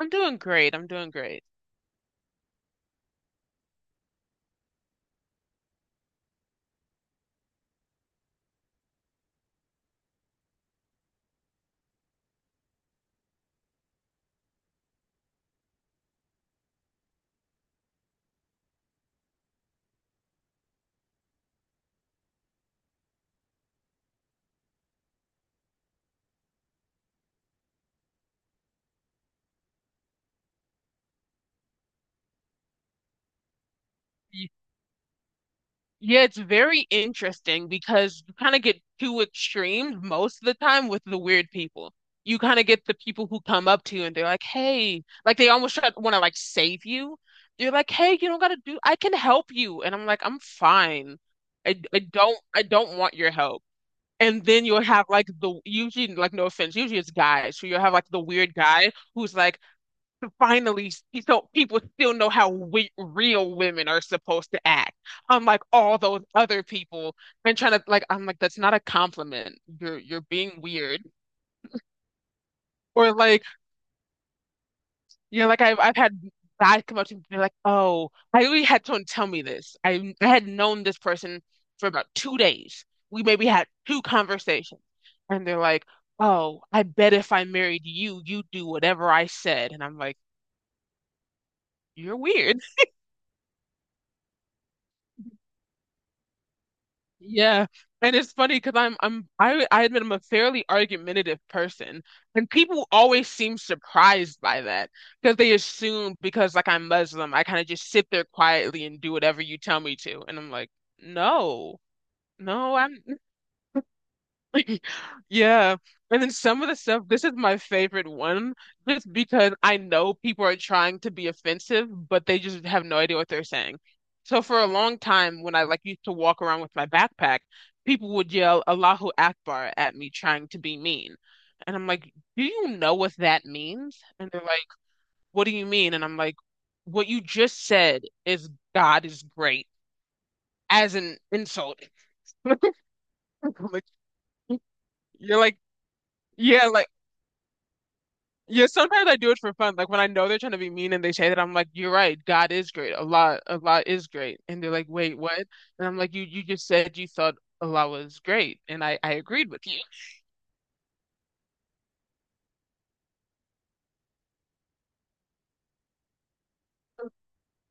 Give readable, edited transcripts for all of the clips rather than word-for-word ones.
I'm doing great. Y- Yeah, it's very interesting because you kind of get two extremes most of the time with the weird people. You kind of get the people who come up to you and they're like, "Hey," like they almost try to want to like save you. They're like, "Hey, you don't gotta do. I can help you," and I'm like, "I'm fine. I don't want your help." And then you'll have like the usually like no offense, usually it's guys. So you'll have like the weird guy who's like. To finally so people still know how we, real women are supposed to act, unlike all those other people. And trying to like, I'm like, that's not a compliment. You're being weird. Or like, you know, like I've had guys come up to me and be like, oh, I really had someone tell me this. I had known this person for about 2 days. We maybe had two conversations, and they're like, oh, I bet if I married you, you'd do whatever I said. And I'm like, you're weird. Yeah. And it's funny because I admit I'm a fairly argumentative person. And people always seem surprised by that because they assume because like I'm Muslim, I kind of just sit there quietly and do whatever you tell me to. And I'm like, no, no, I'm Yeah. And then some of the stuff, this is my favorite one, just because I know people are trying to be offensive, but they just have no idea what they're saying. So for a long time, when I like used to walk around with my backpack, people would yell Allahu Akbar at me trying to be mean. And I'm like, do you know what that means? And they're like, what do you mean? And I'm like, what you just said is God is great as an insult. Like, you're like, yeah, like yeah, sometimes I do it for fun. Like when I know they're trying to be mean and they say that, I'm like, "You're right. God is great. Allah is great." And they're like, "Wait, what?" And I'm like, "You just said you thought Allah was great, and I agreed with you."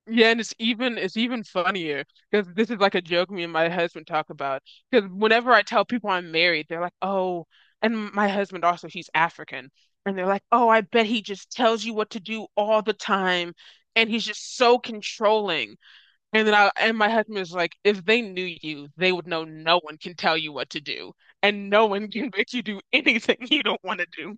Yeah, and it's even funnier because this is like a joke me and my husband talk about. Because whenever I tell people I'm married, they're like, "Oh," and my husband also, he's African, and they're like, "Oh, I bet he just tells you what to do all the time, and he's just so controlling." And then I and my husband is like, if they knew you, they would know no one can tell you what to do, and no one can make you do anything you don't want to do.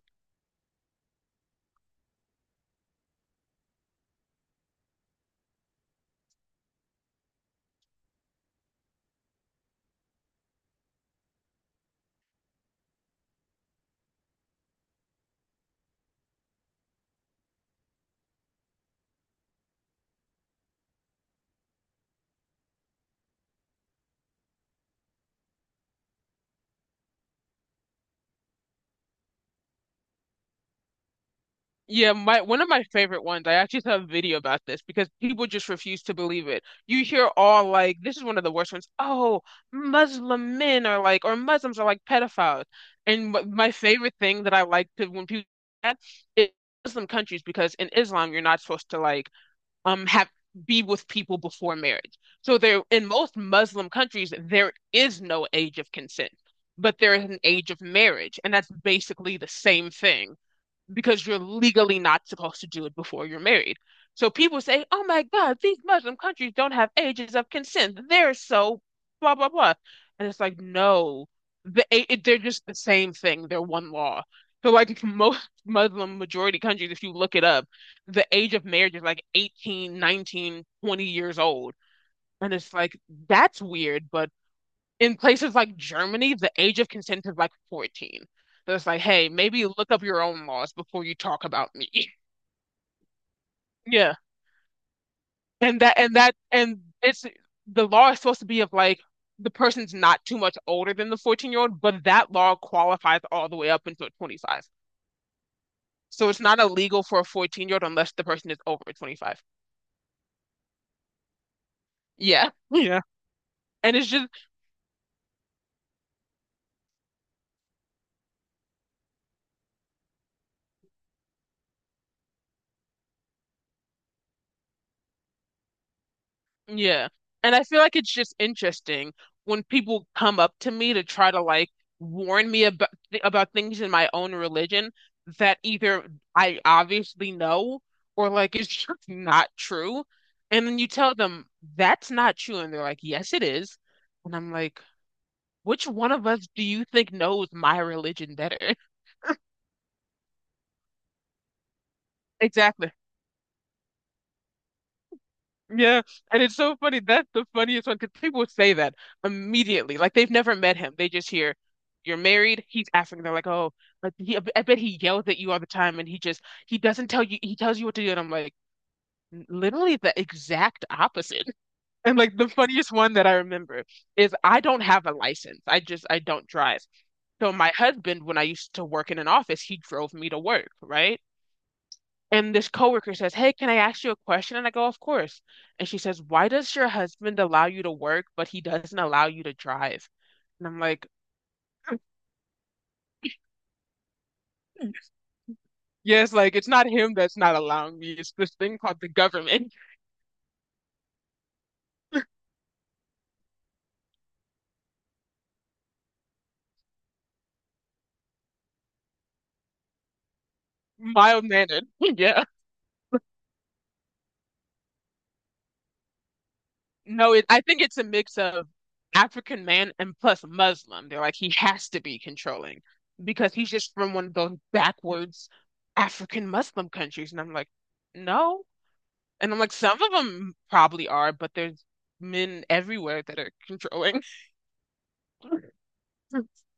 Yeah, my one of my favorite ones, I actually saw a video about this because people just refuse to believe it. You hear all like, this is one of the worst ones. Oh, Muslim men are like, or Muslims are like pedophiles. And my favorite thing that I like to when people do that is Muslim countries because in Islam you're not supposed to like have be with people before marriage. So there in most Muslim countries there is no age of consent, but there is an age of marriage, and that's basically the same thing because you're legally not supposed to do it before you're married. So people say, oh my God, these Muslim countries don't have ages of consent. They're so blah, blah, blah. And it's like, no, the, it, they're just the same thing. They're one law. So, like, most Muslim majority countries, if you look it up, the age of marriage is like 18, 19, 20 years old. And it's like, that's weird, but in places like Germany, the age of consent is like 14. So it's like, hey, maybe look up your own laws before you talk about me. Yeah. And that, and it's the law is supposed to be of like the person's not too much older than the 14-year-old, but that law qualifies all the way up until 25. So it's not illegal for a 14-year-old unless the person is over 25. Yeah. Yeah. And it's just, yeah. And I feel like it's just interesting when people come up to me to try to like warn me about things in my own religion that either I obviously know or like it's just not true. And then you tell them that's not true and they're like, "Yes, it is." And I'm like, "Which one of us do you think knows my religion better?" Exactly. Yeah, and it's so funny. That's the funniest one because people would say that immediately. Like they've never met him. They just hear, "You're married." He's African. They're like, "Oh, like he, I bet he yells at you all the time, and he just he doesn't tell you. He tells you what to do." And I'm like, literally the exact opposite. And like the funniest one that I remember is I don't have a license. I don't drive. So my husband, when I used to work in an office, he drove me to work, right? And this coworker says, "Hey, can I ask you a question?" And I go, "Of course." And she says, "Why does your husband allow you to work, but he doesn't allow you to drive?" And I'm like, yes, like it's not him that's not allowing me. It's this thing called the government. Mild mannered. Yeah. No, it, I think it's a mix of African man and plus Muslim. They're like, he has to be controlling because he's just from one of those backwards African Muslim countries. And I'm like, no. And I'm like, some of them probably are, but there's men everywhere that are controlling.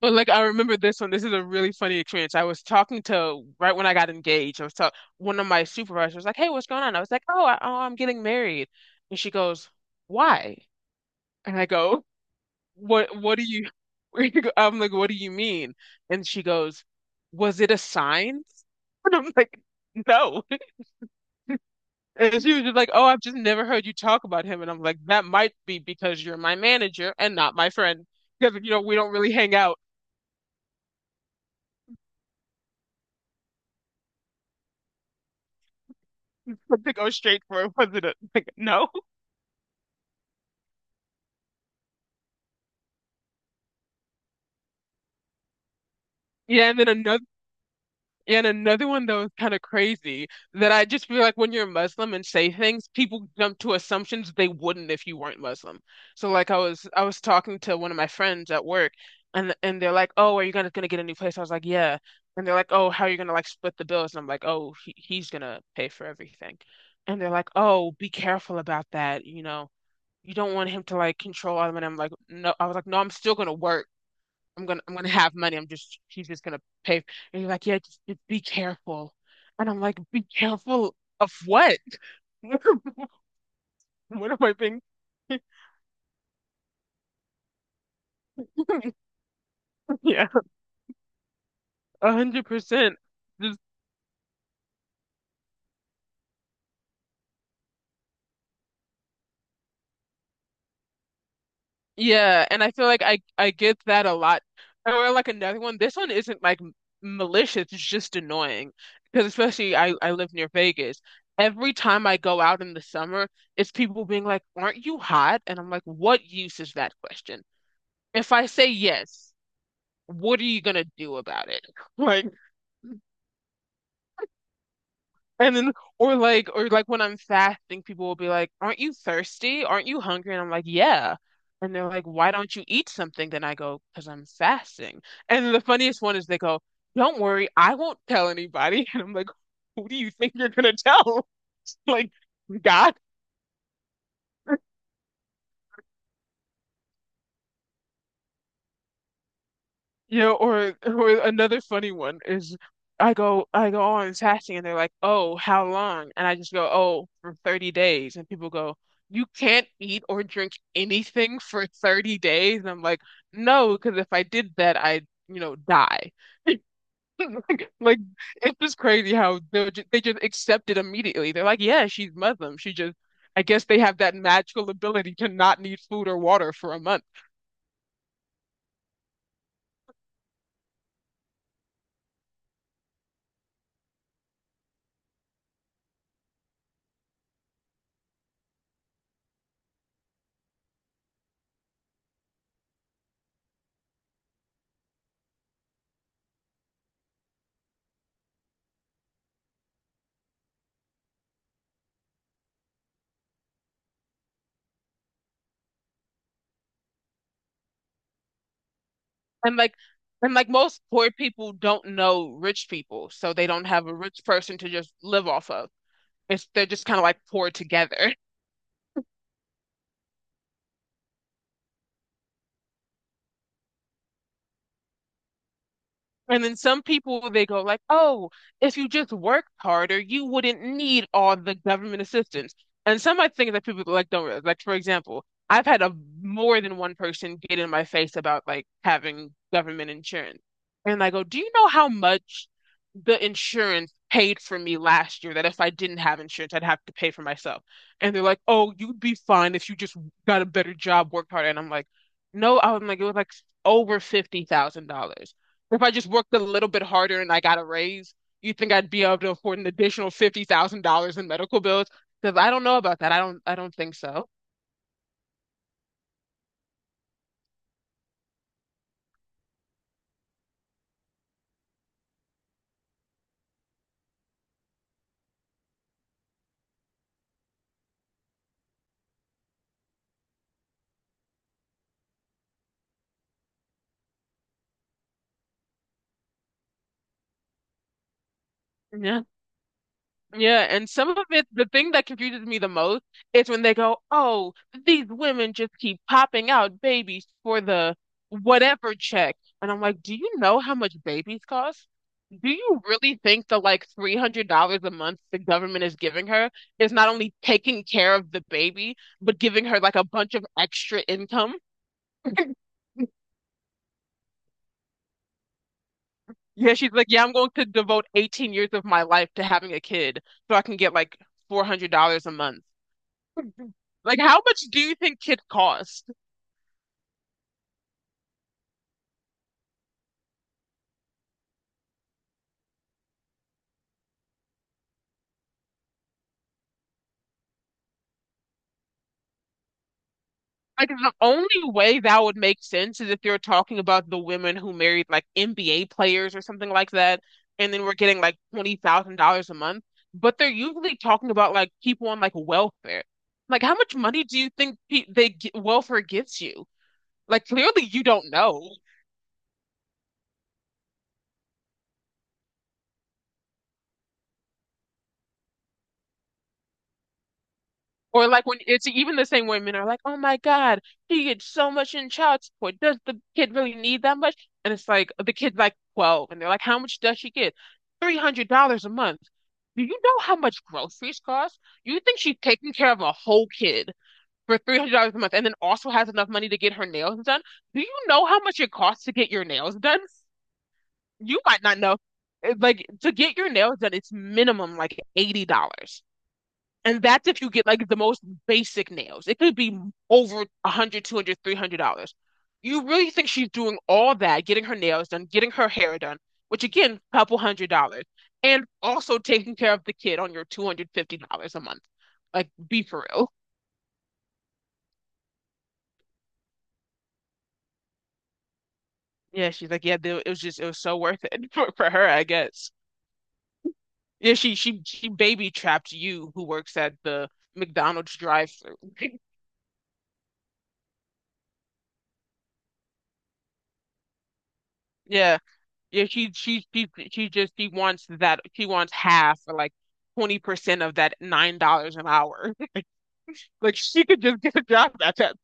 But like I remember this one. This is a really funny experience. I was talking to right when I got engaged. I was talking one of my supervisors was like, "Hey, what's going on?" I was like, "Oh, oh, I'm getting married," and she goes, "Why?" And I go, "What? What do you?" I'm like, "What do you mean?" And she goes, "Was it a sign?" And I'm like, "No." And she was just like, "Oh, I've just never heard you talk about him." And I'm like, "That might be because you're my manager and not my friend, because you know we don't really hang out." To go straight for it, wasn't it? Like, no. Yeah, and then another. And another one that was kind of crazy that I just feel like when you're Muslim and say things, people jump to assumptions they wouldn't if you weren't Muslim. So like I was talking to one of my friends at work and they're like, "Oh, are you gonna get a new place?" I was like, "Yeah." And they're like, "Oh, how are you gonna like split the bills?" And I'm like, "Oh, he's gonna pay for everything." And they're like, "Oh, be careful about that, you know. You don't want him to like control all of it." And I'm like, "No." I was like, "No, I'm still gonna work. I'm gonna have money. I'm just he's just gonna pay." And you're like, "Yeah, just be careful." And I'm like, be careful of what? What am I being? Yeah, 100%. Just yeah, and I feel like I get that a lot. Or like another one. This one isn't like malicious. It's just annoying because especially I live near Vegas. Every time I go out in the summer, it's people being like, "Aren't you hot?" And I'm like, "What use is that question? If I say yes. What are you gonna do about it?" Like, and then, or like when I'm fasting, people will be like, aren't you thirsty? Aren't you hungry? And I'm like, yeah. And they're like, why don't you eat something? Then I go, because I'm fasting. And the funniest one is they go, don't worry, I won't tell anybody. And I'm like, who do you think you're gonna tell? Like, God? Yeah, or another funny one is I go on fasting and they're like, "Oh, how long?" And I just go, "Oh, for 30 days." And people go, "You can't eat or drink anything for 30 days." And I'm like, "No, because if I did that, I'd, you know, die." Like it's just crazy how they just accept it immediately. They're like, "Yeah, she's Muslim. She just I guess they have that magical ability to not need food or water for a month. And like and like most poor people don't know rich people, so they don't have a rich person to just live off of. It's They're just kind of like poor together. And then some people they go like, "Oh, if you just worked harder, you wouldn't need all the government assistance." And some I think that people like don't realize. Like, for example, I've had a more than one person get in my face about like having government insurance, and I go, "Do you know how much the insurance paid for me last year? That if I didn't have insurance, I'd have to pay for myself." And they're like, "Oh, you'd be fine if you just got a better job, worked harder." And I'm like, "No," I'm like, it was like over $50,000. If I just worked a little bit harder and I got a raise, you think I'd be able to afford an additional $50,000 in medical bills? Because I don't know about that. I don't think so. Yeah. Yeah. And some of it, the thing that confuses me the most is when they go, "Oh, these women just keep popping out babies for the whatever check." And I'm like, "Do you know how much babies cost? Do you really think the like $300 a month the government is giving her is not only taking care of the baby, but giving her like a bunch of extra income?" Yeah, she's like, "Yeah, I'm going to devote 18 years of my life to having a kid so I can get like $400 a month." Like, how much do you think kids cost? Like, the only way that would make sense is if you're talking about the women who married like NBA players or something like that, and then we're getting like $20,000 a month. But they're usually talking about like people on like welfare. Like, how much money do you think pe they g welfare gives you? Like, clearly you don't know. Or like when it's even the same way men are like, "Oh my God, he gets so much in child support. Does the kid really need that much?" And it's like the kid's like 12 and they're like, "How much does she get? $300 a month. Do you know how much groceries cost? You think she's taking care of a whole kid for $300 a month and then also has enough money to get her nails done? Do you know how much it costs to get your nails done? You might not know." Like, to get your nails done, it's minimum like $80. And that's if you get like the most basic nails. It could be over 100, 200, $300. $300. You really think she's doing all that, getting her nails done, getting her hair done, which again, couple hundred dollars, and also taking care of the kid on your $250 a month? Like, be for real. Yeah, she's like, "Yeah, it was so worth it" for her, I guess. Yeah, she baby trapped you, who works at the McDonald's drive-through. Yeah. Yeah, she just she wants that she wants half or like 20% of that $9 an hour. Like, she could just get a job at that.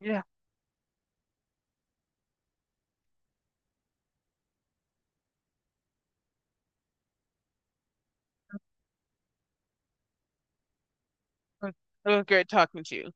Yeah. It was it was great talking to you.